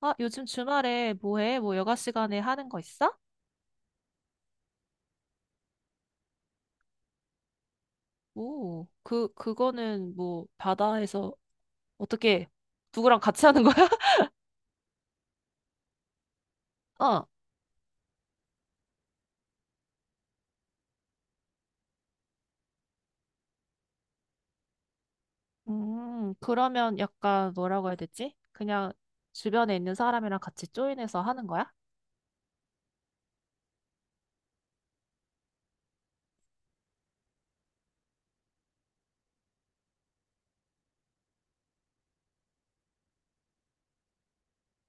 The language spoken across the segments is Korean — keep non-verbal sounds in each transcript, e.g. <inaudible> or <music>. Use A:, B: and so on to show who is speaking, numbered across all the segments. A: 아, 요즘 주말에 뭐 해? 뭐 여가 시간에 하는 거 있어? 오, 그거는 뭐 바다에서 어떻게 누구랑 같이 하는 거야? <laughs> 어. 그러면 약간 뭐라고 해야 되지? 그냥 주변에 있는 사람이랑 같이 조인해서 하는 거야?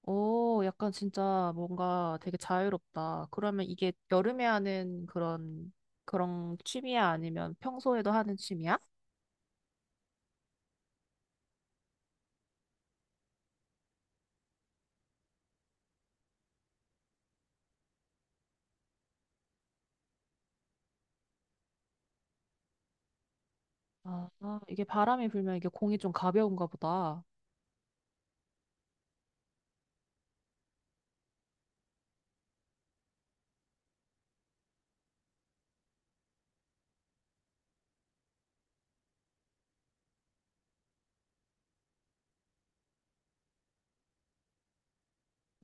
A: 오, 약간 진짜 뭔가 되게 자유롭다. 그러면 이게 여름에 하는 그런 취미야? 아니면 평소에도 하는 취미야? 아, 아, 이게 바람이 불면 이게 공이 좀 가벼운가 보다.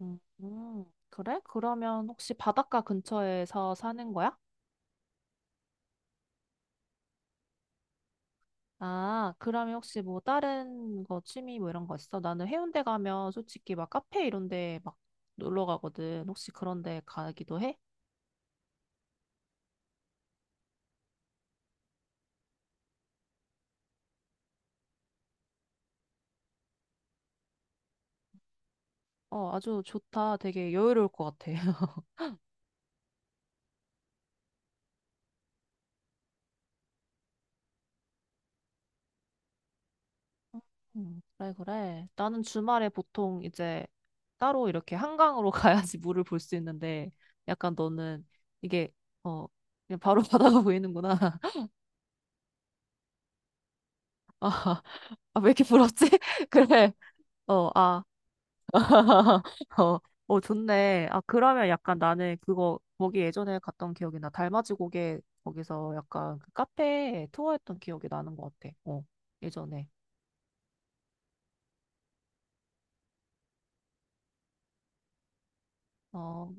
A: 음, 음. 그래? 그러면 혹시 바닷가 근처에서 사는 거야? 아, 그러면 혹시 뭐 다른 거 취미 뭐 이런 거 있어? 나는 해운대 가면 솔직히 막 카페 이런 데 막 놀러 가거든. 혹시 그런 데 가기도 해? 어, 아주 좋다. 되게 여유로울 것 같아. <laughs> 그래, 그래. 나는 주말에 보통 이제 따로 이렇게 한강으로 <laughs> 가야지 물을 볼 수 있는데 약간 너는 이게 어, 그냥 바로 <laughs> 바다가 보이는구나. <laughs> 아, 왜 이렇게 부럽지? <laughs> 그래. 어, 아. <laughs> 어, 어, 좋네. 아, 그러면 약간 나는 그거, 거기 예전에 갔던 기억이 나. 달맞이 고개, 거기서 약간 그 카페 투어했던 기억이 나는 것 같아. 어, 예전에. 어,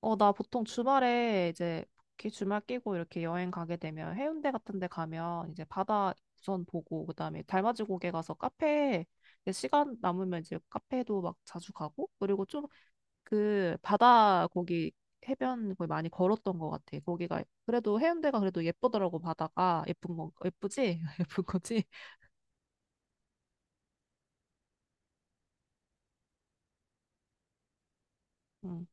A: 어, 나 보통 주말에 이제, 이렇게 주말 끼고 이렇게 여행 가게 되면 해운대 같은 데 가면 이제 바다 우선 보고, 그다음에 달맞이 고개 가서 카페, 이제 시간 남으면 이제 카페도 막 자주 가고, 그리고 좀 그 바다 거기 해변 거기 많이 걸었던 것 같아. 거기가 그래도 해운대가 그래도 예쁘더라고 바다가 예쁜 거 예쁘지? <laughs> 예쁜 거지? 응.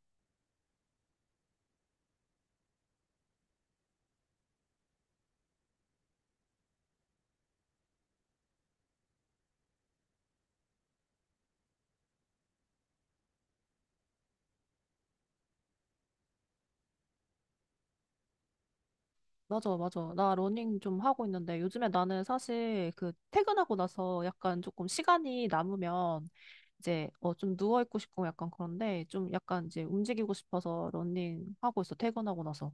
A: 맞아, 맞아. 나 러닝 좀 하고 있는데 요즘에 나는 사실 그 퇴근하고 나서 약간 조금 시간이 남으면 이제 어 좀 누워 있고 싶고 약간 그런데 좀 약간 이제 움직이고 싶어서 러닝 하고 있어. 퇴근하고 나서.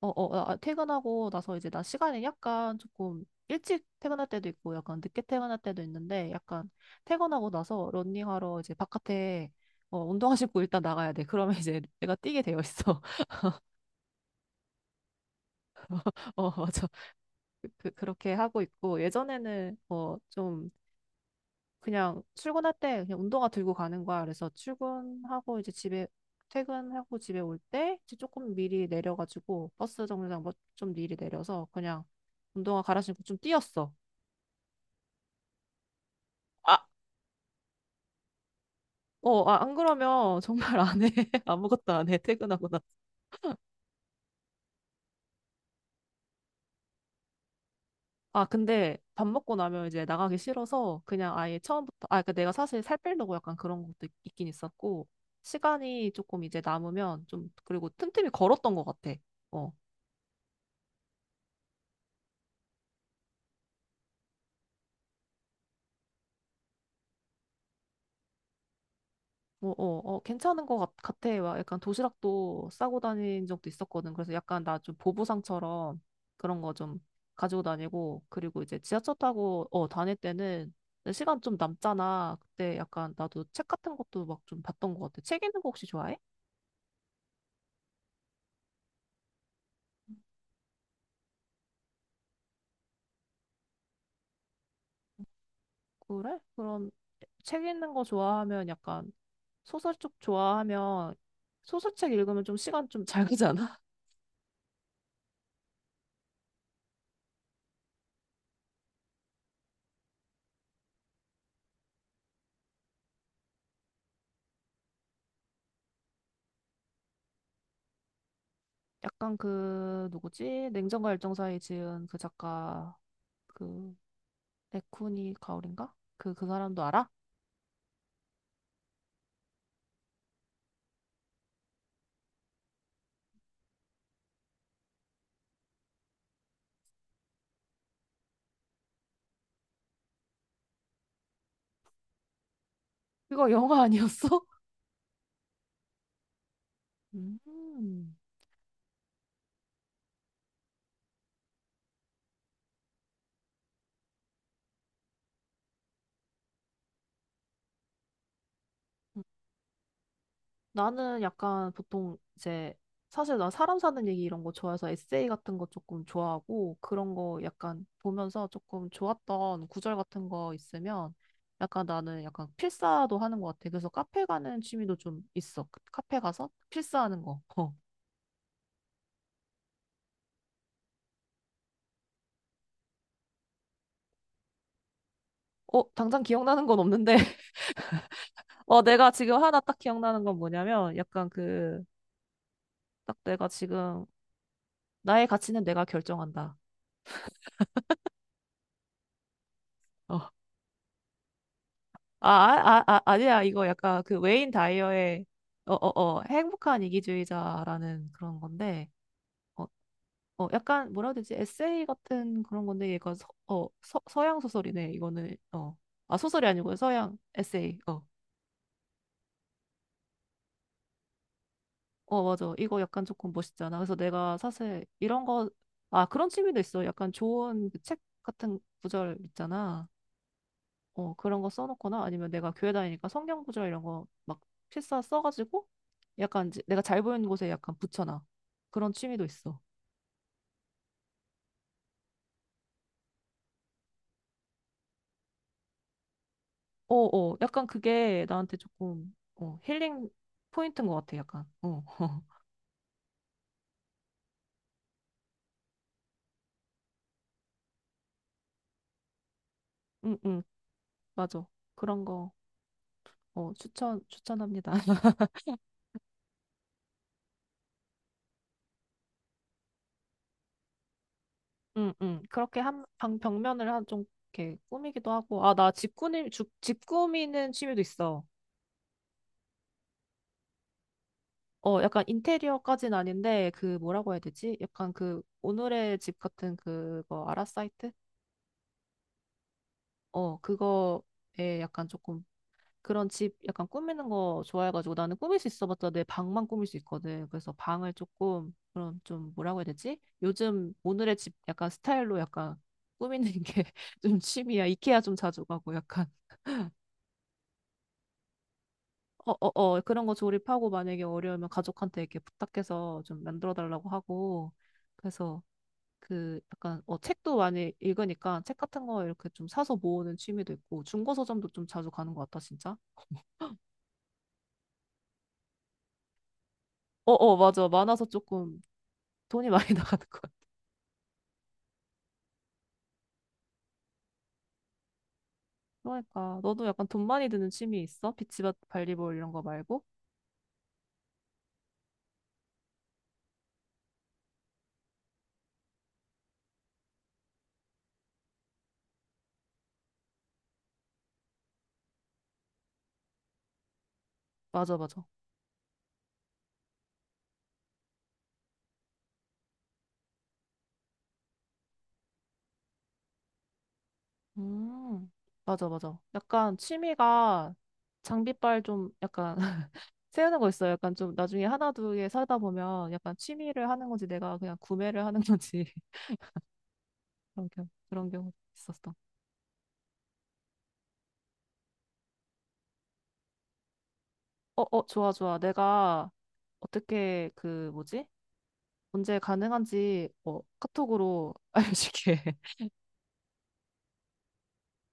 A: 어, 어, 어, 아, 퇴근하고 나서 이제 나 시간이 약간 조금 일찍 퇴근할 때도 있고 약간 늦게 퇴근할 때도 있는데 약간 퇴근하고 나서 런닝하러 이제 바깥에 어, 운동화 신고 일단 나가야 돼. 그러면 이제 <laughs> 내가 뛰게 되어 있어. <laughs> 어, 맞아. 그, 그, 렇게 하고 있고 예전에는 어, 좀 그냥 출근할 때 그냥 운동화 들고 가는 거야. 그래서 출근하고 이제 집에 퇴근하고 집에 올 때 이제 조금 미리 내려가지고 버스 정류장 뭐 좀 미리 내려서 그냥 운동화 갈아 신고 좀 뛰었어. 어, 아, 안 그러면 정말 안 해. <laughs> 아무것도 안 해. 퇴근하고 나서. 아, 근데 밥 먹고 나면 이제 나가기 싫어서 그냥 아예 처음부터, 아, 그러니까 내가 사실 살 빼려고 약간 그런 것도 있긴 있었고, 시간이 조금 이제 남으면 좀, 그리고 틈틈이 걸었던 것 같아. 어. 뭐, 어, 어, 괜찮은 것 같, 같아. 막 약간 도시락도 싸고 다닌 적도 있었거든. 그래서 약간 나 좀 보부상처럼 그런 거 좀 가지고 다니고, 그리고 이제 지하철 타고, 어, 다닐 때는 시간 좀 남잖아. 그때 약간 나도 책 같은 것도 막 좀 봤던 것 같아. 책 읽는 거 혹시 좋아해? 그래? 그럼 책 읽는 거 좋아하면 약간 소설 쪽 좋아하면 소설책 읽으면 좀 시간 좀 잘 가잖아. <laughs> 약간 그 누구지? 냉정과 열정 사이 지은 그 작가 그 에쿠니 가오린가? 그 사람도 알아? 그거 영화 아니었어? <laughs> 음. 나는 약간 보통 이제 사실 나 사람 사는 얘기 이런 거 좋아해서 에세이 같은 거 조금 좋아하고 그런 거 약간 보면서 조금 좋았던 구절 같은 거 있으면 약간 나는 약간 필사도 하는 것 같아. 그래서 카페 가는 취미도 좀 있어. 카페 가서 필사하는 거. 어. 어, 당장 기억나는 건 없는데. <laughs> 어, 내가 지금 하나 딱 기억나는 건 뭐냐면 약간 그 딱 내가 지금 나의 가치는 내가 결정한다. 어. 아니야. 이거 약간 그 웨인 다이어의 어, 어, 어, 행복한 이기주의자라는 그런 건데, 어, 어, 약간 뭐라 해야 되지? 에세이 같은 그런 건데, 얘가 서양 소설이네. 이거는, 어. 아, 소설이 아니고요. 서양 에세이. 어. 어, 맞아. 이거 약간 조금 멋있잖아. 그래서 내가 사실 이런 거, 아, 그런 취미도 있어. 약간 좋은 그책 같은 구절 있잖아. 어, 그런 거 써놓거나 아니면 내가 교회 다니니까 성경 구절 이런 거 막 필사 써가지고 약간 이제 내가 잘 보이는 곳에 약간 붙여놔. 그런 취미도 있어. 어, 어, 약간 그게 나한테 조금 어, 힐링 포인트인 것 같아, 약간. 어, <laughs> 응, 응, 맞아. 그런 거 어, 추천, 추천합니다. <laughs> 응, 응. 그렇게 한, 방, 벽면을 한 좀 이렇게 꾸미기도 하고. 아, 나 집 꾸미는 취미도 있어. 어, 약간 인테리어까진 아닌데, 그, 뭐라고 해야 되지? 약간 그, 오늘의 집 같은 그거, 아라 사이트? 어, 그거에 약간 조금, 그런 집 약간 꾸미는 거 좋아해가지고, 나는 꾸밀 수 있어봤자 내 방만 꾸밀 수 있거든. 그래서 방을 조금, 그런 좀, 뭐라고 해야 되지? 요즘 오늘의 집 약간 스타일로 약간 꾸미는 게 <laughs> 좀 취미야. 이케아 좀 자주 가고, 약간. 어, 어, 어, 그런 거 조립하고, 만약에 어려우면 가족한테 이렇게 부탁해서 좀 만들어 달라고 하고, 그래서, 그 약간 어 책도 많이 읽으니까 책 같은 거 이렇게 좀 사서 모으는 취미도 있고 중고 서점도 좀 자주 가는 것 같다 진짜. 어어 맞아 많아서 조금 돈이 많이 <laughs> 나가는 것 같아. 그러니까 너도 약간 돈 많이 드는 취미 있어? 비치밭 발리볼 이런 거 말고? 맞아 맞아. 음 맞아 맞아. 약간 취미가 장비빨 좀 약간 <laughs> 세우는 거 있어요. 약간 좀 나중에 하나 두 개 사다 보면 약간 취미를 하는 건지 내가 그냥 구매를 하는 건지 <laughs> 그런 경우 그런 경우 있었어. 어, 어, 좋아, 좋아. 내가 어떻게 그 뭐지? 언제 가능한지 어, 카톡으로 <laughs> 알려줄게.